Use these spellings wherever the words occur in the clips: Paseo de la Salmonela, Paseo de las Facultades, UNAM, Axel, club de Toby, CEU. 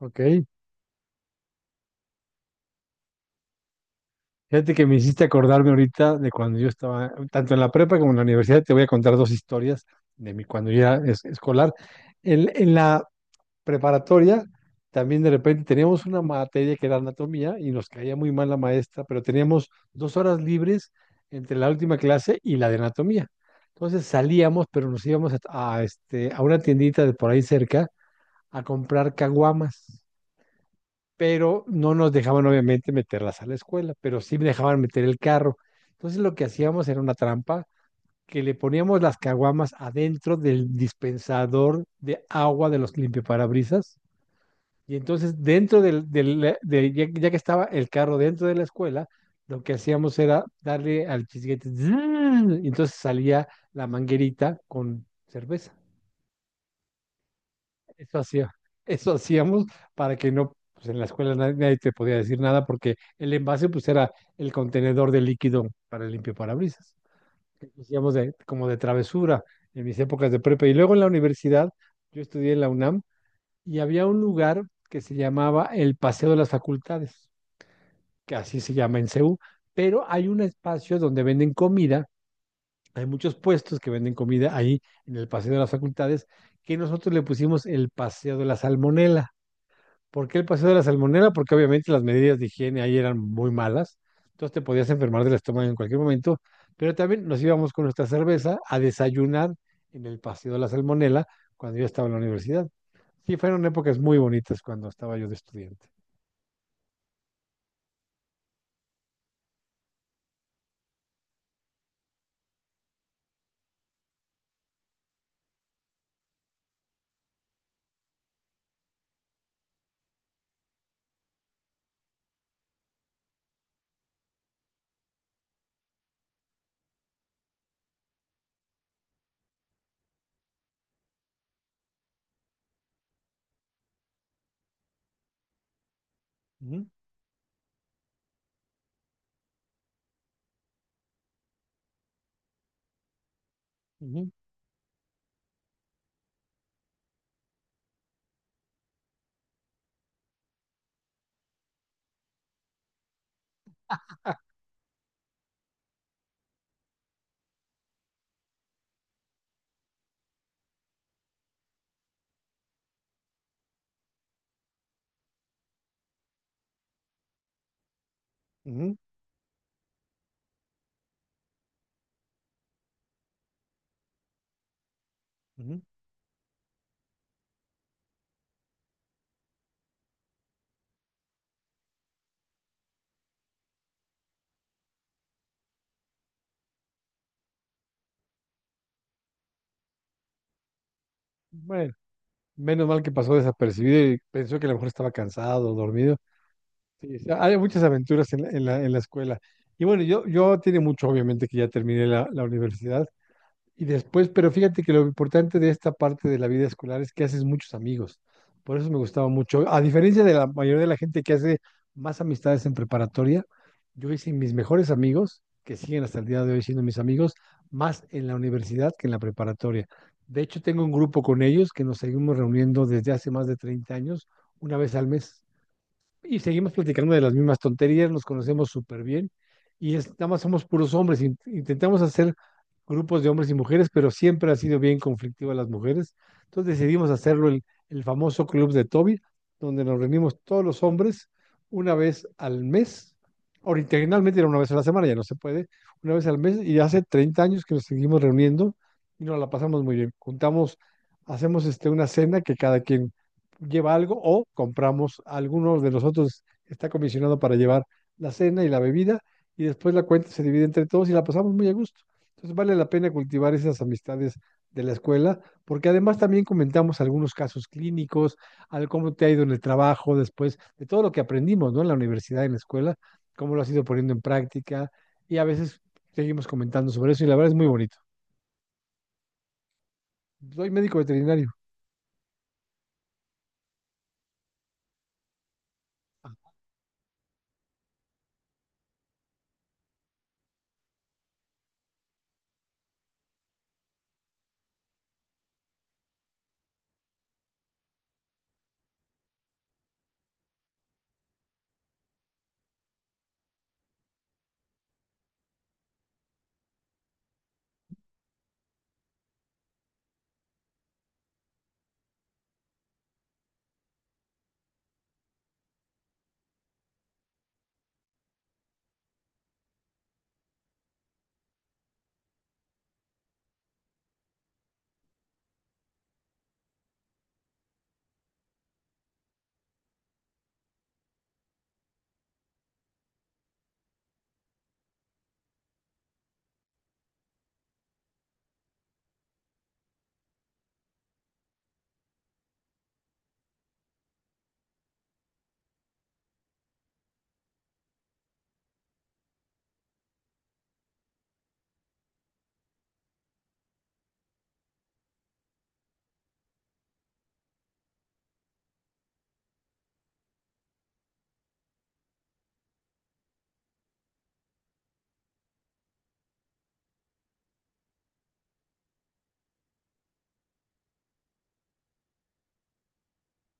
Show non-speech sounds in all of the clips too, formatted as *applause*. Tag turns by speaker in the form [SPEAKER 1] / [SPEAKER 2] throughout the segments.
[SPEAKER 1] Ok, fíjate que me hiciste acordarme ahorita de cuando yo estaba, tanto en la prepa como en la universidad, te voy a contar dos historias de mi cuando yo era escolar. En la preparatoria también de repente teníamos una materia que era anatomía y nos caía muy mal la maestra, pero teníamos 2 horas libres entre la última clase y la de anatomía. Entonces salíamos, pero nos íbamos a una tiendita de por ahí cerca a comprar caguamas, pero no nos dejaban obviamente meterlas a la escuela, pero sí me dejaban meter el carro. Entonces lo que hacíamos era una trampa, que le poníamos las caguamas adentro del dispensador de agua de los limpiaparabrisas, y entonces dentro ya, ya que estaba el carro dentro de la escuela, lo que hacíamos era darle al chisguete, zzz, y entonces salía la manguerita con cerveza. Eso hacía, eso hacíamos para que no, pues en la escuela nadie te podía decir nada porque el envase pues era el contenedor de líquido para el limpio parabrisas. Hacíamos de, como de travesura en mis épocas de prepa. Y luego en la universidad, yo estudié en la UNAM y había un lugar que se llamaba el Paseo de las Facultades, que así se llama en CEU, pero hay un espacio donde venden comida, hay muchos puestos que venden comida ahí en el Paseo de las Facultades, que nosotros le pusimos el Paseo de la Salmonela. ¿Por qué el Paseo de la Salmonela? Porque obviamente las medidas de higiene ahí eran muy malas, entonces te podías enfermar del estómago en cualquier momento, pero también nos íbamos con nuestra cerveza a desayunar en el Paseo de la Salmonela cuando yo estaba en la universidad. Sí, fueron épocas muy bonitas cuando estaba yo de estudiante. Ujú, ujú, ujú, ujú. Bueno, menos mal que pasó desapercibido y pensó que a lo mejor estaba cansado, dormido. Sí, sí, hay muchas aventuras en en la escuela. Y bueno, yo tiene mucho, obviamente, que ya terminé la universidad. Y después, pero fíjate que lo importante de esta parte de la vida escolar es que haces muchos amigos. Por eso me gustaba mucho. A diferencia de la mayoría de la gente que hace más amistades en preparatoria, yo hice mis mejores amigos, que siguen hasta el día de hoy siendo mis amigos, más en la universidad que en la preparatoria. De hecho, tengo un grupo con ellos que nos seguimos reuniendo desde hace más de 30 años, una vez al mes, y seguimos platicando de las mismas tonterías, nos conocemos súper bien y es, nada más somos puros hombres. Intentamos hacer grupos de hombres y mujeres, pero siempre ha sido bien conflictiva las mujeres. Entonces decidimos hacerlo el famoso club de Toby, donde nos reunimos todos los hombres una vez al mes. Originalmente era una vez a la semana, ya no se puede, una vez al mes, y hace 30 años que nos seguimos reuniendo y nos la pasamos muy bien. Juntamos, hacemos este, una cena que cada quien lleva algo o compramos, algunos de nosotros está comisionado para llevar la cena y la bebida, y después la cuenta se divide entre todos y la pasamos muy a gusto. Entonces vale la pena cultivar esas amistades de la escuela porque además también comentamos algunos casos clínicos, al cómo te ha ido en el trabajo después, de todo lo que aprendimos, ¿no? En la universidad, en la escuela, cómo lo has ido poniendo en práctica y a veces seguimos comentando sobre eso, y la verdad es muy bonito. Soy médico veterinario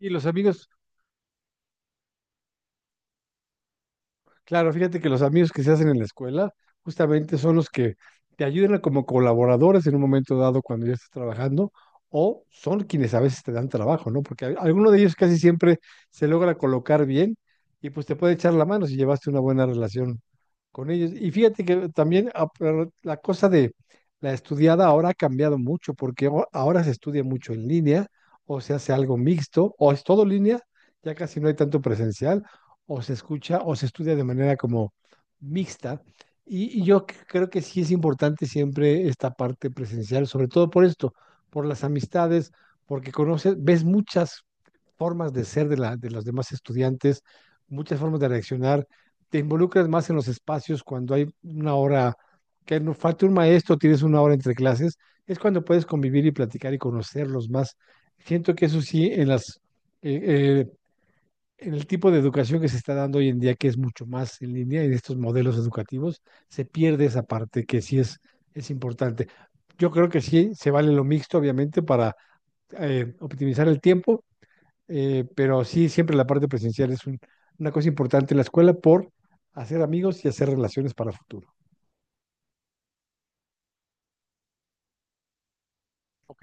[SPEAKER 1] y los amigos. Claro, fíjate que los amigos que se hacen en la escuela justamente son los que te ayudan como colaboradores en un momento dado cuando ya estás trabajando, o son quienes a veces te dan trabajo, ¿no? Porque alguno de ellos casi siempre se logra colocar bien y pues te puede echar la mano si llevaste una buena relación con ellos. Y fíjate que también ah, pero la cosa de la estudiada ahora ha cambiado mucho porque ahora se estudia mucho en línea o se hace algo mixto o es todo línea, ya casi no hay tanto presencial, o se escucha o se estudia de manera como mixta. Y yo creo que sí es importante siempre esta parte presencial, sobre todo por esto, por las amistades, porque conoces, ves muchas formas de ser de, la, de los demás estudiantes, muchas formas de reaccionar, te involucras más en los espacios cuando hay una hora, que no falta un maestro, tienes una hora entre clases, es cuando puedes convivir y platicar y conocerlos más. Siento que eso sí, en las eh, eh, el tipo de educación que se está dando hoy en día, que es mucho más en línea y de estos modelos educativos, se pierde esa parte que sí es importante. Yo creo que sí, se vale lo mixto, obviamente, para optimizar el tiempo, pero sí, siempre la parte presencial es una cosa importante en la escuela por hacer amigos y hacer relaciones para el futuro. Ok.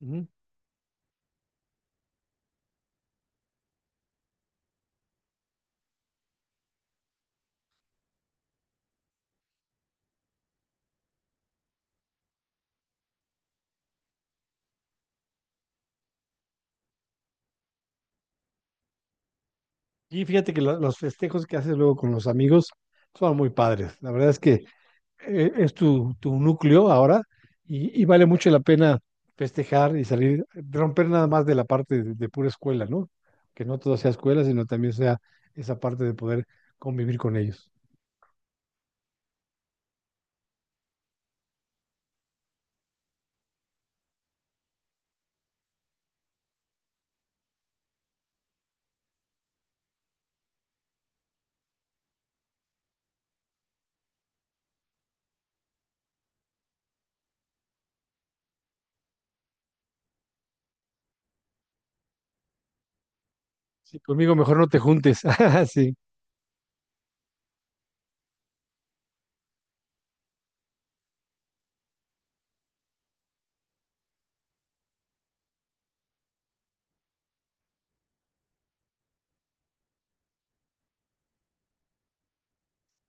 [SPEAKER 1] Ujú. Y fíjate que los festejos que haces luego con los amigos son muy padres. La verdad es que es tu, tu núcleo ahora, y vale mucho la pena festejar y salir, romper nada más de la parte de pura escuela, ¿no? Que no todo sea escuela, sino también sea esa parte de poder convivir con ellos. Sí, conmigo mejor no te juntes. *laughs* Sí,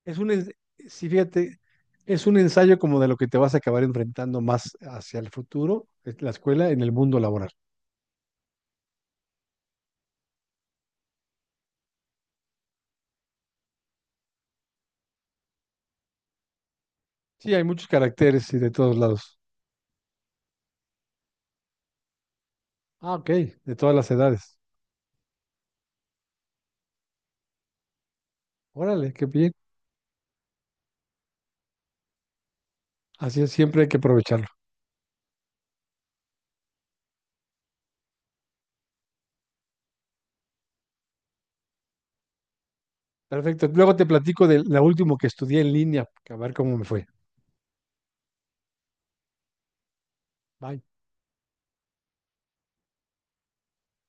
[SPEAKER 1] es sí, fíjate, es un ensayo como de lo que te vas a acabar enfrentando más hacia el futuro, es la escuela en el mundo laboral. Sí, hay muchos caracteres y de todos lados. Ah, ok, de todas las edades. Órale, qué bien. Así es, siempre hay que aprovechar. Perfecto. Luego te platico de la último que estudié en línea, a ver cómo me fue. Bye.